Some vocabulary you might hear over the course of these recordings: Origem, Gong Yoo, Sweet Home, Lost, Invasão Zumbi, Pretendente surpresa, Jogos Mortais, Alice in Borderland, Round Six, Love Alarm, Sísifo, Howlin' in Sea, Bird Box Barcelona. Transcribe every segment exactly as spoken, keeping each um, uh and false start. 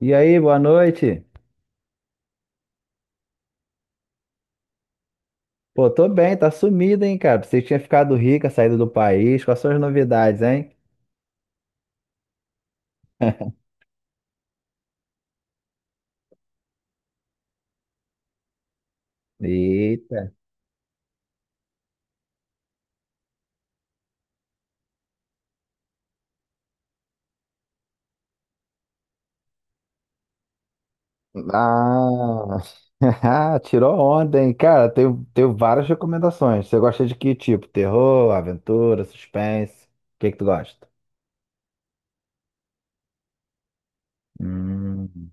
E aí, boa noite. Pô, tô bem, tá sumido, hein, cara? Pensei que tinha ficado rica, saído do país. Quais são as novidades, hein? Eita. Ah, tirou onda, hein? Cara, tenho, tenho várias recomendações. Você gosta de que tipo? Terror, aventura, suspense? O que que tu gosta? Hum.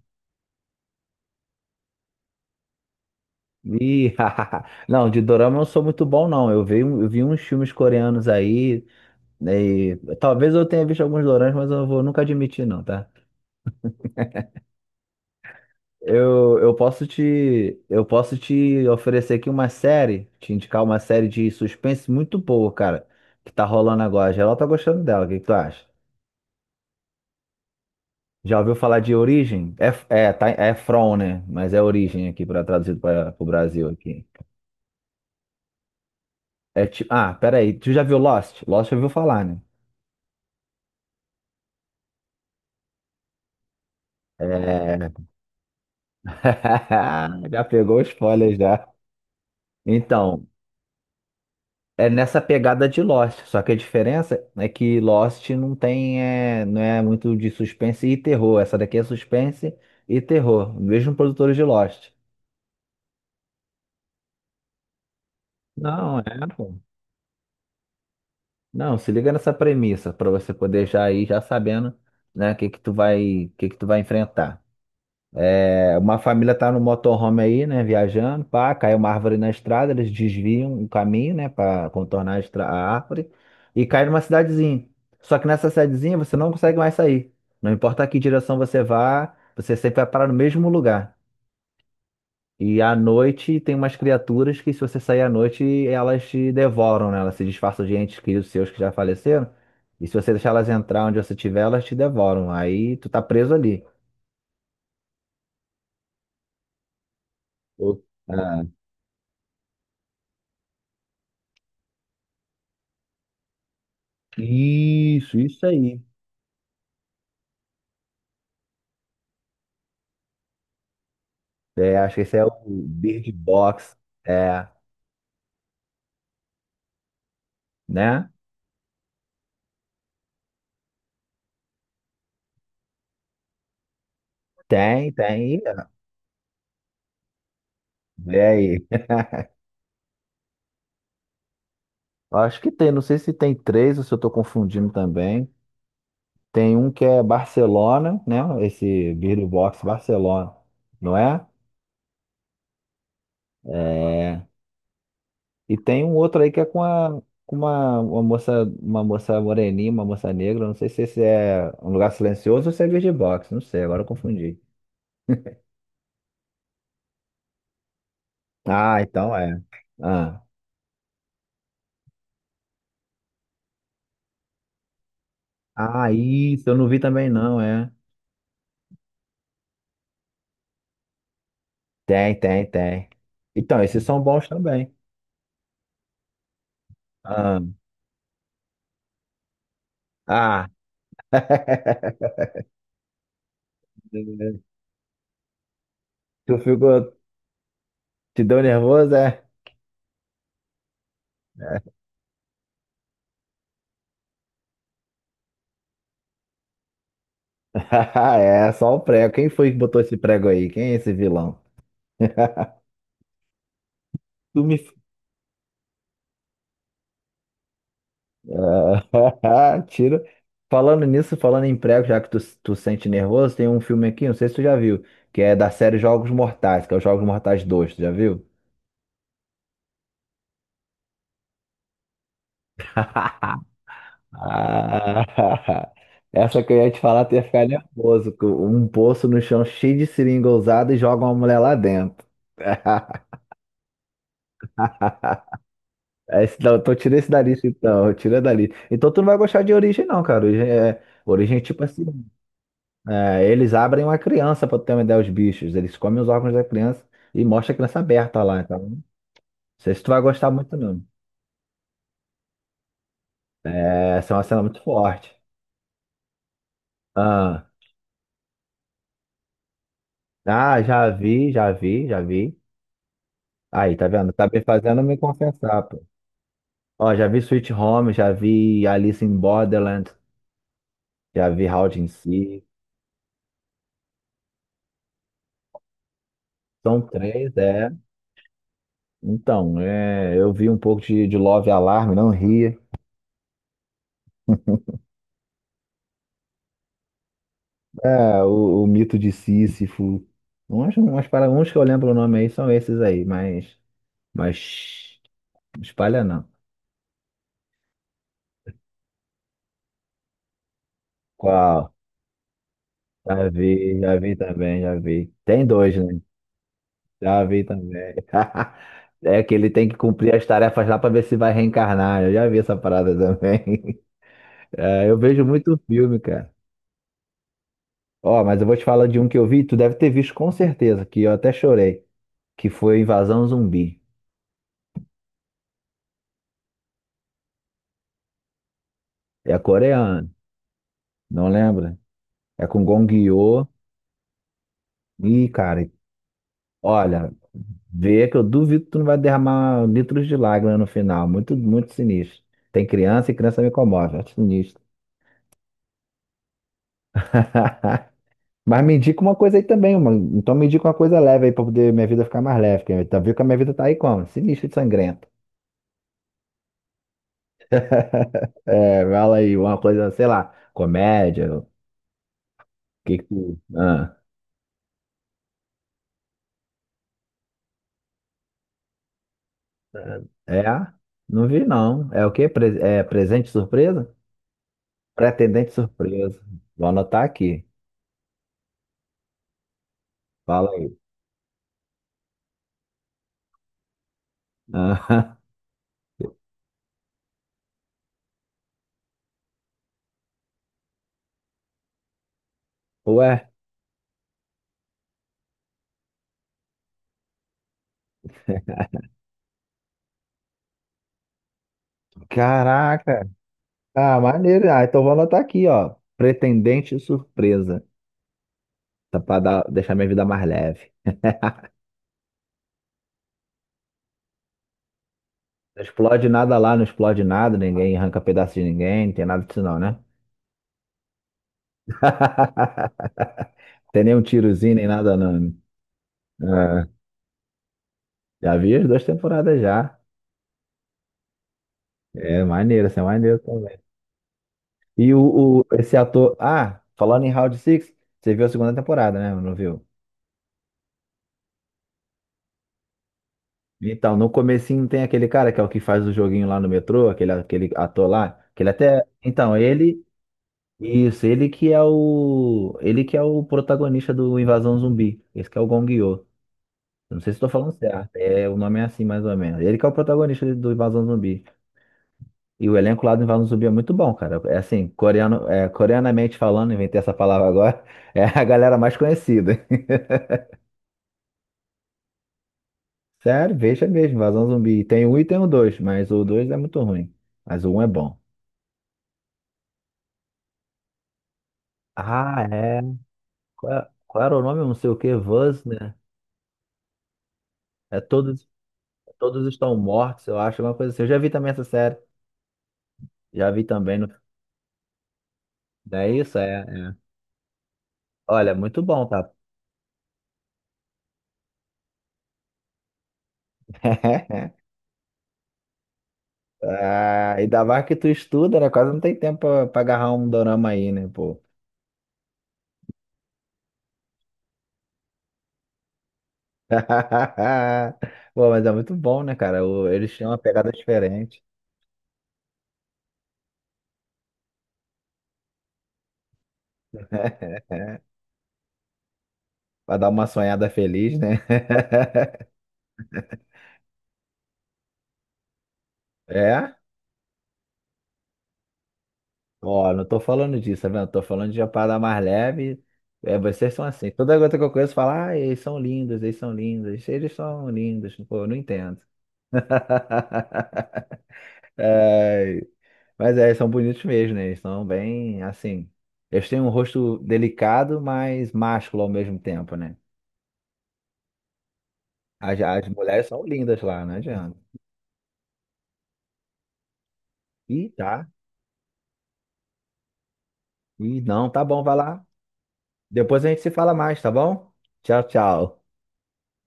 Ih, não, de dorama eu não sou muito bom, não. Eu vi, um- eu vi uns filmes coreanos aí. Né, e talvez eu tenha visto alguns doramas, mas eu não vou nunca admitir, não, tá? Eu, eu posso te, eu posso te oferecer aqui uma série, te indicar uma série de suspense muito boa, cara, que tá rolando agora. Geral tá gostando dela, o que que tu acha? Já ouviu falar de Origem? É, é, tá, é From, né? Mas é Origem aqui, para traduzido para o Brasil aqui. É tipo, ah, peraí, tu já viu Lost? Lost já ouviu falar, né? É... Já pegou o spoiler já. Então, é nessa pegada de Lost, só que a diferença é que Lost não tem, é, não é muito de suspense e terror. Essa daqui é suspense e terror, mesmo produtores de Lost. Não, é, pô. Não, se liga nessa premissa para você poder já ir já sabendo, né, o que que tu vai, o que que tu vai enfrentar. É, uma família tá no motorhome aí, né, viajando, pá, cai uma árvore na estrada, eles desviam o caminho, né, para contornar a, estra- a árvore e cai numa cidadezinha. Só que nessa cidadezinha você não consegue mais sair. Não importa que direção você vá, você sempre vai parar no mesmo lugar. E à noite tem umas criaturas que se você sair à noite, elas te devoram, né? Elas se disfarçam de entes queridos seus que já faleceram. E se você deixar elas entrar onde você estiver, elas te devoram. Aí tu tá preso ali. Ô, ah, isso, isso aí. É, acho que esse é o Bird Box. É, né? Tem, tem. Vê aí. Acho que tem, não sei se tem três ou se eu estou confundindo também. Tem um que é Barcelona, né? Esse Bird Box Barcelona, não é? É. E tem um outro aí que é com a com uma, uma moça, uma moça moreninha, uma moça negra. Não sei se esse é um lugar silencioso ou se é Bird Box, não sei, agora eu confundi. Ah, então é. Ah, ah, isso eu não vi também não, é. Tem, tem, tem. Então, esses são bons também. Ah, ah. Tu ficou, te deu nervoso, é? É, só o prego. Quem foi que botou esse prego aí? Quem é esse vilão? Tu me... Ah, tira. Falando nisso, falando em prego, já que tu, tu sente nervoso, tem um filme aqui, não sei se tu já viu, que é da série Jogos Mortais, que é os Jogos Mortais dois, tu já viu? Ah, essa que eu ia te falar, tu ia ficar nervoso, com um poço no chão cheio de seringa ousada e joga uma mulher lá dentro. Esse, não, então tira esse da lista, então. Tira dali. Então tu não vai gostar de Origem, não, cara. Origem é, Origem é tipo assim. é, eles abrem uma criança pra tu ter uma ideia, os bichos. Eles comem os órgãos da criança e mostra a criança aberta lá, então. Não sei se tu vai gostar muito, não. É, essa é uma cena muito forte. Ah, ah, já vi, já vi, já vi. Aí, tá vendo? Tá me fazendo me confessar, pô. Ó, já vi Sweet Home, já vi Alice in Borderland, já vi Howlin' in Sea. São três, é. Então, é, eu vi um pouco de, de Love Alarm, não ria. É, o, o mito de Sísifo. Uns, umas para uns que eu lembro o nome aí são esses aí, mas, mas não espalha não. Qual? Já vi, já vi também, já vi. Tem dois, né? Já vi também. É que ele tem que cumprir as tarefas lá pra ver se vai reencarnar. Eu já vi essa parada também. É, eu vejo muito filme, cara. Ó, mas eu vou te falar de um que eu vi, tu deve ter visto com certeza, que eu até chorei, que foi Invasão Zumbi. É coreano, não lembra? É com Gong Yoo. Ih, cara, olha, vê que eu duvido que tu não vai derramar litros de lágrimas no final. Muito, muito sinistro. Tem criança e criança me comove. É sinistro. Mas me indica uma coisa aí também, mano. Então me indica uma coisa leve aí pra poder minha vida ficar mais leve. Porque tá viu que a minha vida tá aí como? Sinistro de sangrento. É, fala aí, uma coisa, sei lá, comédia. O que que tu. Ah, é? Não vi não. É o quê? Pre- é presente surpresa? Pretendente surpresa. Vou anotar aqui. Fala aí. Ah, ué, caraca. Ah, maneiro. Ah, então vou anotar aqui, ó. Pretendente surpresa. Tá pra dar, deixar minha vida mais leve. Não explode nada lá, não explode nada, ninguém arranca pedaço de ninguém, não tem nada disso não, né? Tem nem um tirozinho, nem nada não, né? É, já vi as duas temporadas já. É maneiro, isso é maneiro também. E o, o- esse ator. Ah, falando em Round Six, você viu a segunda temporada, né? Não viu? Então, no comecinho tem aquele cara que é o que faz o joguinho lá no metrô, aquele, aquele ator lá, que ele até. Então, ele. Isso, ele que é o. Ele que é o protagonista do Invasão Zumbi. Esse que é o Gong Yo. Eu não sei se estou falando certo. É, o nome é assim, mais ou menos. Ele que é o protagonista de- do Invasão Zumbi. E o elenco lá do Invasão Zumbi é muito bom, cara. É assim, coreano, é, coreanamente falando, inventei essa palavra agora, é a galera mais conhecida. Sério, veja mesmo, Invasão Zumbi. Tem um e tem o dois, mas o dois é muito ruim. Mas o um é bom. Ah, é. Qual, é- qual era o nome? Eu não sei o que. Buzz, né? É todos, todos estão mortos, eu acho, alguma coisa assim. Eu já vi também essa série. Já vi também. No... Não é isso? É. É. Olha, muito bom, tá? Ah, ainda mais que tu estuda, né? Quase não tem tempo pra, pra agarrar um dorama aí, né, pô? Pô, mas é muito bom, né, cara? O- Eles têm uma pegada diferente. Pra dar uma sonhada feliz, né? É? Ó, não tô falando disso, tá vendo? Tô falando de uma parada mais leve. É, vocês são assim. Toda gota que eu conheço fala, ah, eles são lindos, eles são lindos, eles são lindos. Pô, eu não entendo. Ai. Mas é, eles são bonitos mesmo, né? Eles são bem assim. Eles têm um rosto delicado, mas másculo ao mesmo tempo, né? As, as mulheres são lindas lá, não adianta. E tá. E não, tá bom, vai lá. Depois a gente se fala mais, tá bom? Tchau, tchau.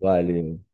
Valeu.